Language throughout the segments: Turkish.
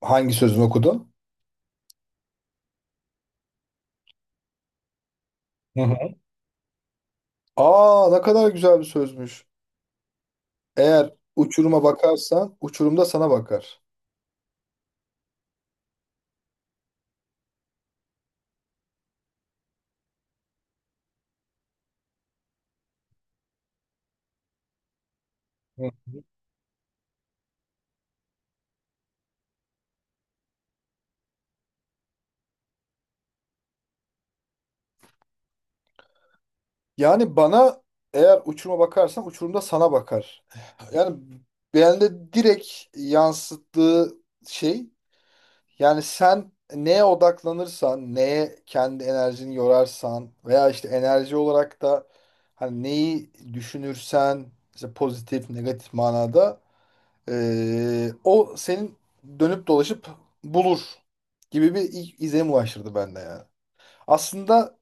Hangi sözünü okudun? Hı hı. Aa ne kadar güzel bir sözmüş. Eğer uçuruma bakarsan uçurum da sana bakar. Hı hı. Yani bana eğer uçuruma bakarsan uçurum da sana bakar. Yani bende direkt yansıttığı şey. Yani sen neye odaklanırsan, neye kendi enerjini yorarsan veya işte enerji olarak da hani neyi düşünürsen işte pozitif, negatif manada o senin dönüp dolaşıp bulur gibi bir izlenim ulaştırdı bende yani. Aslında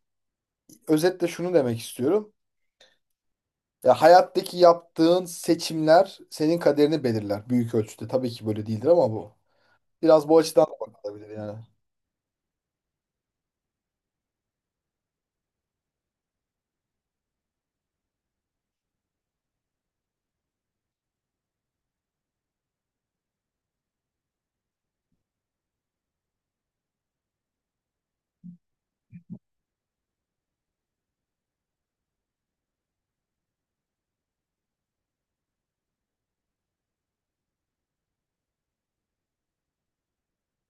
özetle şunu demek istiyorum. Ya hayattaki yaptığın seçimler senin kaderini belirler büyük ölçüde. Tabii ki böyle değildir ama bu. Biraz bu açıdan da bakılabilir yani.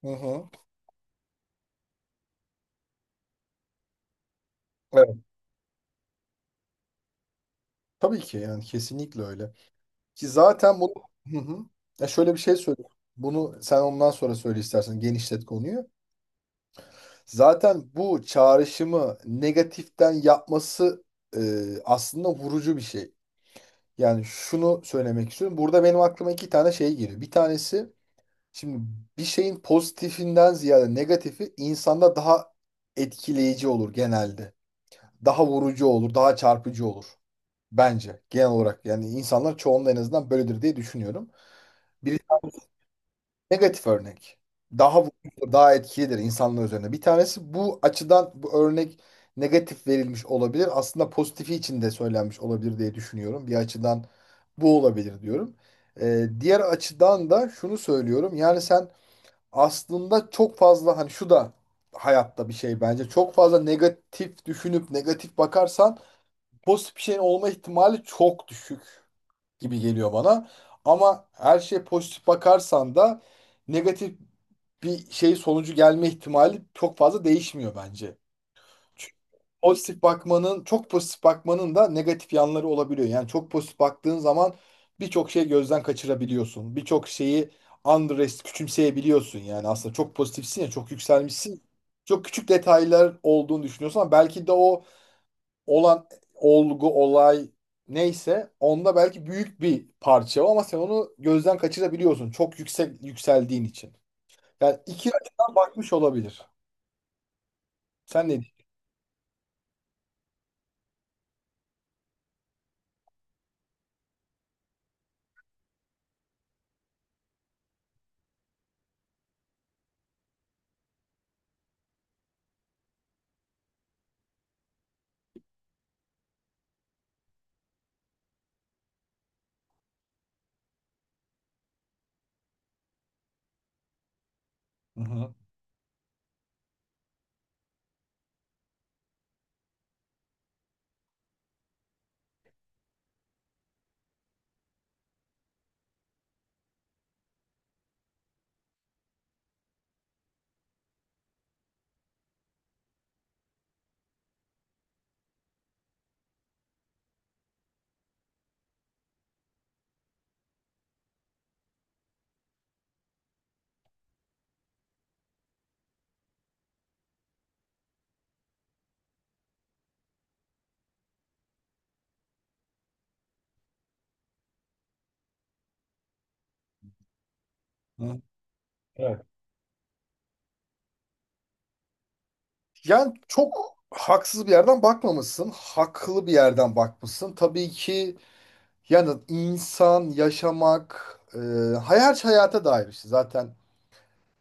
Hı hı. Evet. Tabii ki yani kesinlikle öyle. Ki zaten bunu hı hı. Ya şöyle bir şey söyleyeyim. Bunu sen ondan sonra söyle istersen genişlet konuyu. Zaten bu çağrışımı negatiften yapması e, aslında vurucu bir şey. Yani şunu söylemek istiyorum. Burada benim aklıma iki tane şey geliyor. Bir tanesi şimdi bir şeyin pozitifinden ziyade negatifi insanda daha etkileyici olur genelde. Daha vurucu olur, daha çarpıcı olur. Bence genel olarak yani insanlar çoğunluğu en azından böyledir diye düşünüyorum. Bir negatif örnek. Daha vurucudur, daha etkilidir insanlar üzerine. Bir tanesi bu açıdan bu örnek negatif verilmiş olabilir. Aslında pozitifi için de söylenmiş olabilir diye düşünüyorum. Bir açıdan bu olabilir diyorum. Diğer açıdan da şunu söylüyorum. Yani sen aslında çok fazla hani şu da hayatta bir şey bence. Çok fazla negatif düşünüp negatif bakarsan pozitif bir şeyin olma ihtimali çok düşük gibi geliyor bana. Ama her şeye pozitif bakarsan da negatif bir şey sonucu gelme ihtimali çok fazla değişmiyor bence. Çünkü pozitif bakmanın, çok pozitif bakmanın da negatif yanları olabiliyor. Yani çok pozitif baktığın zaman birçok şeyi gözden kaçırabiliyorsun. Birçok şeyi underest küçümseyebiliyorsun. Yani aslında çok pozitifsin ya, çok yükselmişsin. Çok küçük detaylar olduğunu düşünüyorsun ama belki de o olan olgu, olay neyse onda belki büyük bir parça o ama sen onu gözden kaçırabiliyorsun çok yüksek yükseldiğin için. Yani iki açıdan bakmış olabilir. Sen ne diyorsun? Hı hı. Hı. Evet. Yani çok haksız bir yerden bakmamışsın, haklı bir yerden bakmışsın. Tabii ki. Yani insan, yaşamak, hayal hayata dair işte zaten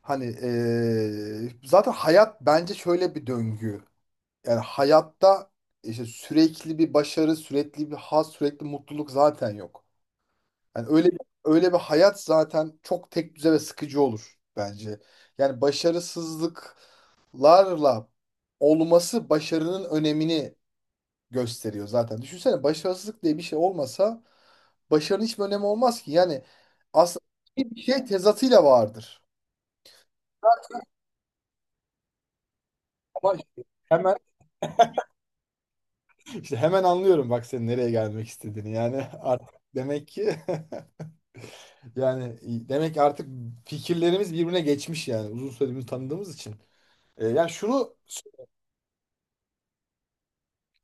hani zaten hayat bence şöyle bir döngü. Yani hayatta işte sürekli bir başarı, sürekli bir haz, sürekli mutluluk zaten yok. Yani öyle öyle bir hayat zaten çok tek düze ve sıkıcı olur bence. Yani başarısızlıklarla olması başarının önemini gösteriyor zaten. Düşünsene başarısızlık diye bir şey olmasa başarının hiçbir önemi olmaz ki. Yani aslında bir şey tezatıyla vardır. Ama işte hemen hemen anlıyorum bak senin nereye gelmek istediğini. Yani artık demek ki yani demek ki artık fikirlerimiz birbirine geçmiş yani uzun süredir birbirini tanıdığımız için. Yani şunu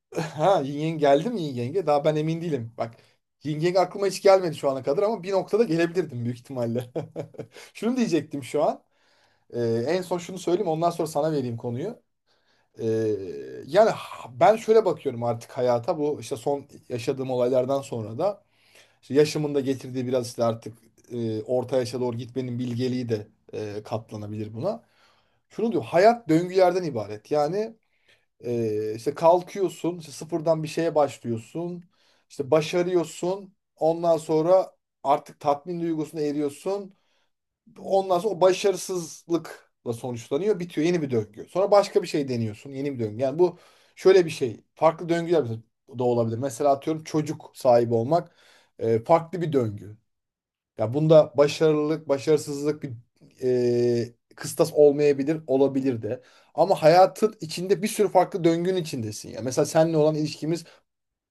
ha yin yang geldi mi yin yenge? Daha ben emin değilim. Bak yin yang aklıma hiç gelmedi şu ana kadar ama bir noktada gelebilirdim büyük ihtimalle. Şunu diyecektim şu an. Ee, En son şunu söyleyeyim ondan sonra sana vereyim konuyu. Ee, Yani ben şöyle bakıyorum artık hayata bu işte son yaşadığım olaylardan sonra da işte yaşımın da getirdiği biraz işte artık orta yaşa doğru gitmenin bilgeliği de katlanabilir buna. Şunu diyor hayat döngülerden ibaret. Yani işte kalkıyorsun işte sıfırdan bir şeye başlıyorsun işte başarıyorsun ondan sonra artık tatmin duygusuna eriyorsun. Ondan sonra o başarısızlıkla sonuçlanıyor. Bitiyor. Yeni bir döngü. Sonra başka bir şey deniyorsun. Yeni bir döngü. Yani bu şöyle bir şey. Farklı döngüler mesela da olabilir. Mesela atıyorum çocuk sahibi olmak farklı bir döngü. Ya bunda başarılılık, başarısızlık bir kıstas olmayabilir, olabilir de. Ama hayatın içinde bir sürü farklı döngünün içindesin ya. Mesela seninle olan ilişkimiz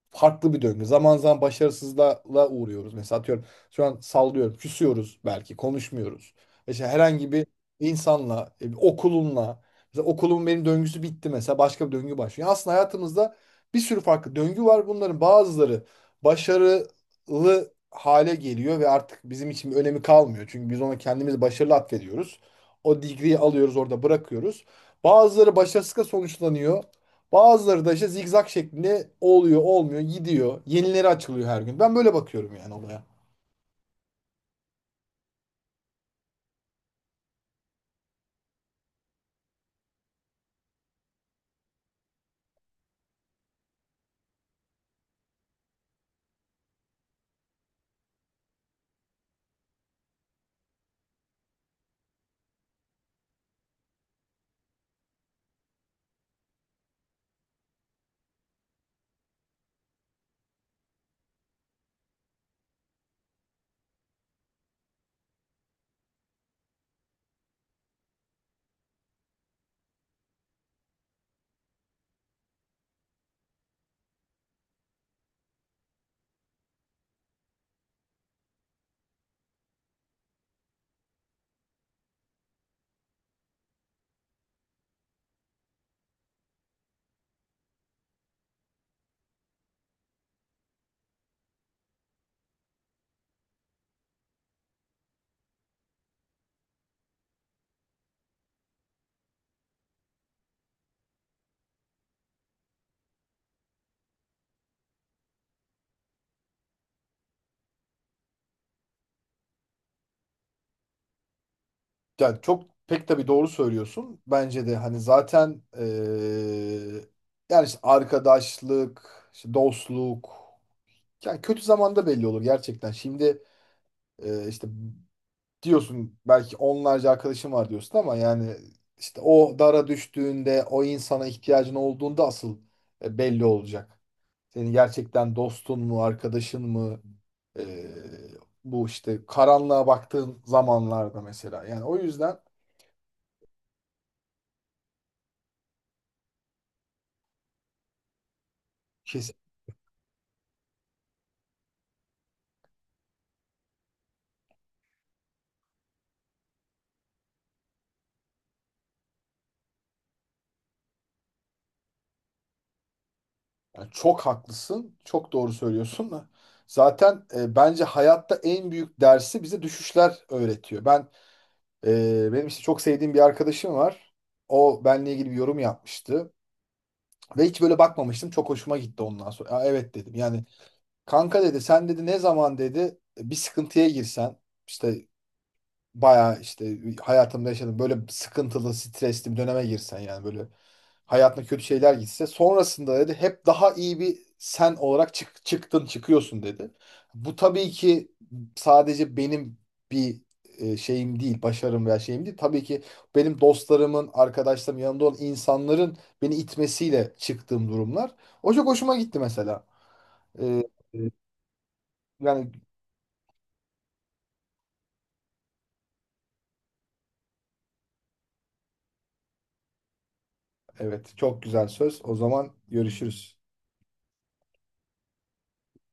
farklı bir döngü. Zaman zaman başarısızlığa uğruyoruz. Mesela atıyorum şu an sallıyorum. Küsüyoruz belki konuşmuyoruz. İşte herhangi bir insanla, bir okulunla. Mesela okulumun benim döngüsü bitti mesela başka bir döngü başlıyor. Yani aslında hayatımızda bir sürü farklı döngü var. Bunların bazıları başarılı hale geliyor ve artık bizim için bir önemi kalmıyor. Çünkü biz ona kendimizi başarılı atfediyoruz. O degree'yi alıyoruz orada bırakıyoruz. Bazıları başarısızlıkla sonuçlanıyor. Bazıları da işte zigzag şeklinde oluyor, olmuyor, gidiyor. Yenileri açılıyor her gün. Ben böyle bakıyorum yani olaya. Yani çok pek tabii doğru söylüyorsun. Bence de hani zaten yani işte arkadaşlık, işte dostluk. Yani kötü zamanda belli olur gerçekten. Şimdi işte diyorsun belki onlarca arkadaşım var diyorsun ama yani işte o dara düştüğünde o insana ihtiyacın olduğunda asıl belli olacak. Senin gerçekten dostun mu, arkadaşın mı? E, Bu işte karanlığa baktığın zamanlarda mesela. Yani o yüzden kesin. Yani çok haklısın, çok doğru söylüyorsun da. Zaten bence hayatta en büyük dersi bize düşüşler öğretiyor. Ben benim işte çok sevdiğim bir arkadaşım var. O benle ilgili bir yorum yapmıştı ve hiç böyle bakmamıştım. Çok hoşuma gitti ondan sonra. "Aa, evet dedim. Yani kanka dedi sen dedi ne zaman dedi bir sıkıntıya girsen işte bayağı işte hayatımda yaşadım. Böyle sıkıntılı, stresli bir döneme girsen yani böyle hayatına kötü şeyler gitse sonrasında dedi hep daha iyi bir sen olarak çık, çıktın, çıkıyorsun dedi. Bu tabii ki sadece benim bir şeyim değil, başarım veya şeyim değil. Tabii ki benim dostlarımın, arkadaşlarımın yanında olan insanların beni itmesiyle çıktığım durumlar. O çok hoşuma gitti mesela. E, e, yani evet çok güzel söz. O zaman görüşürüz.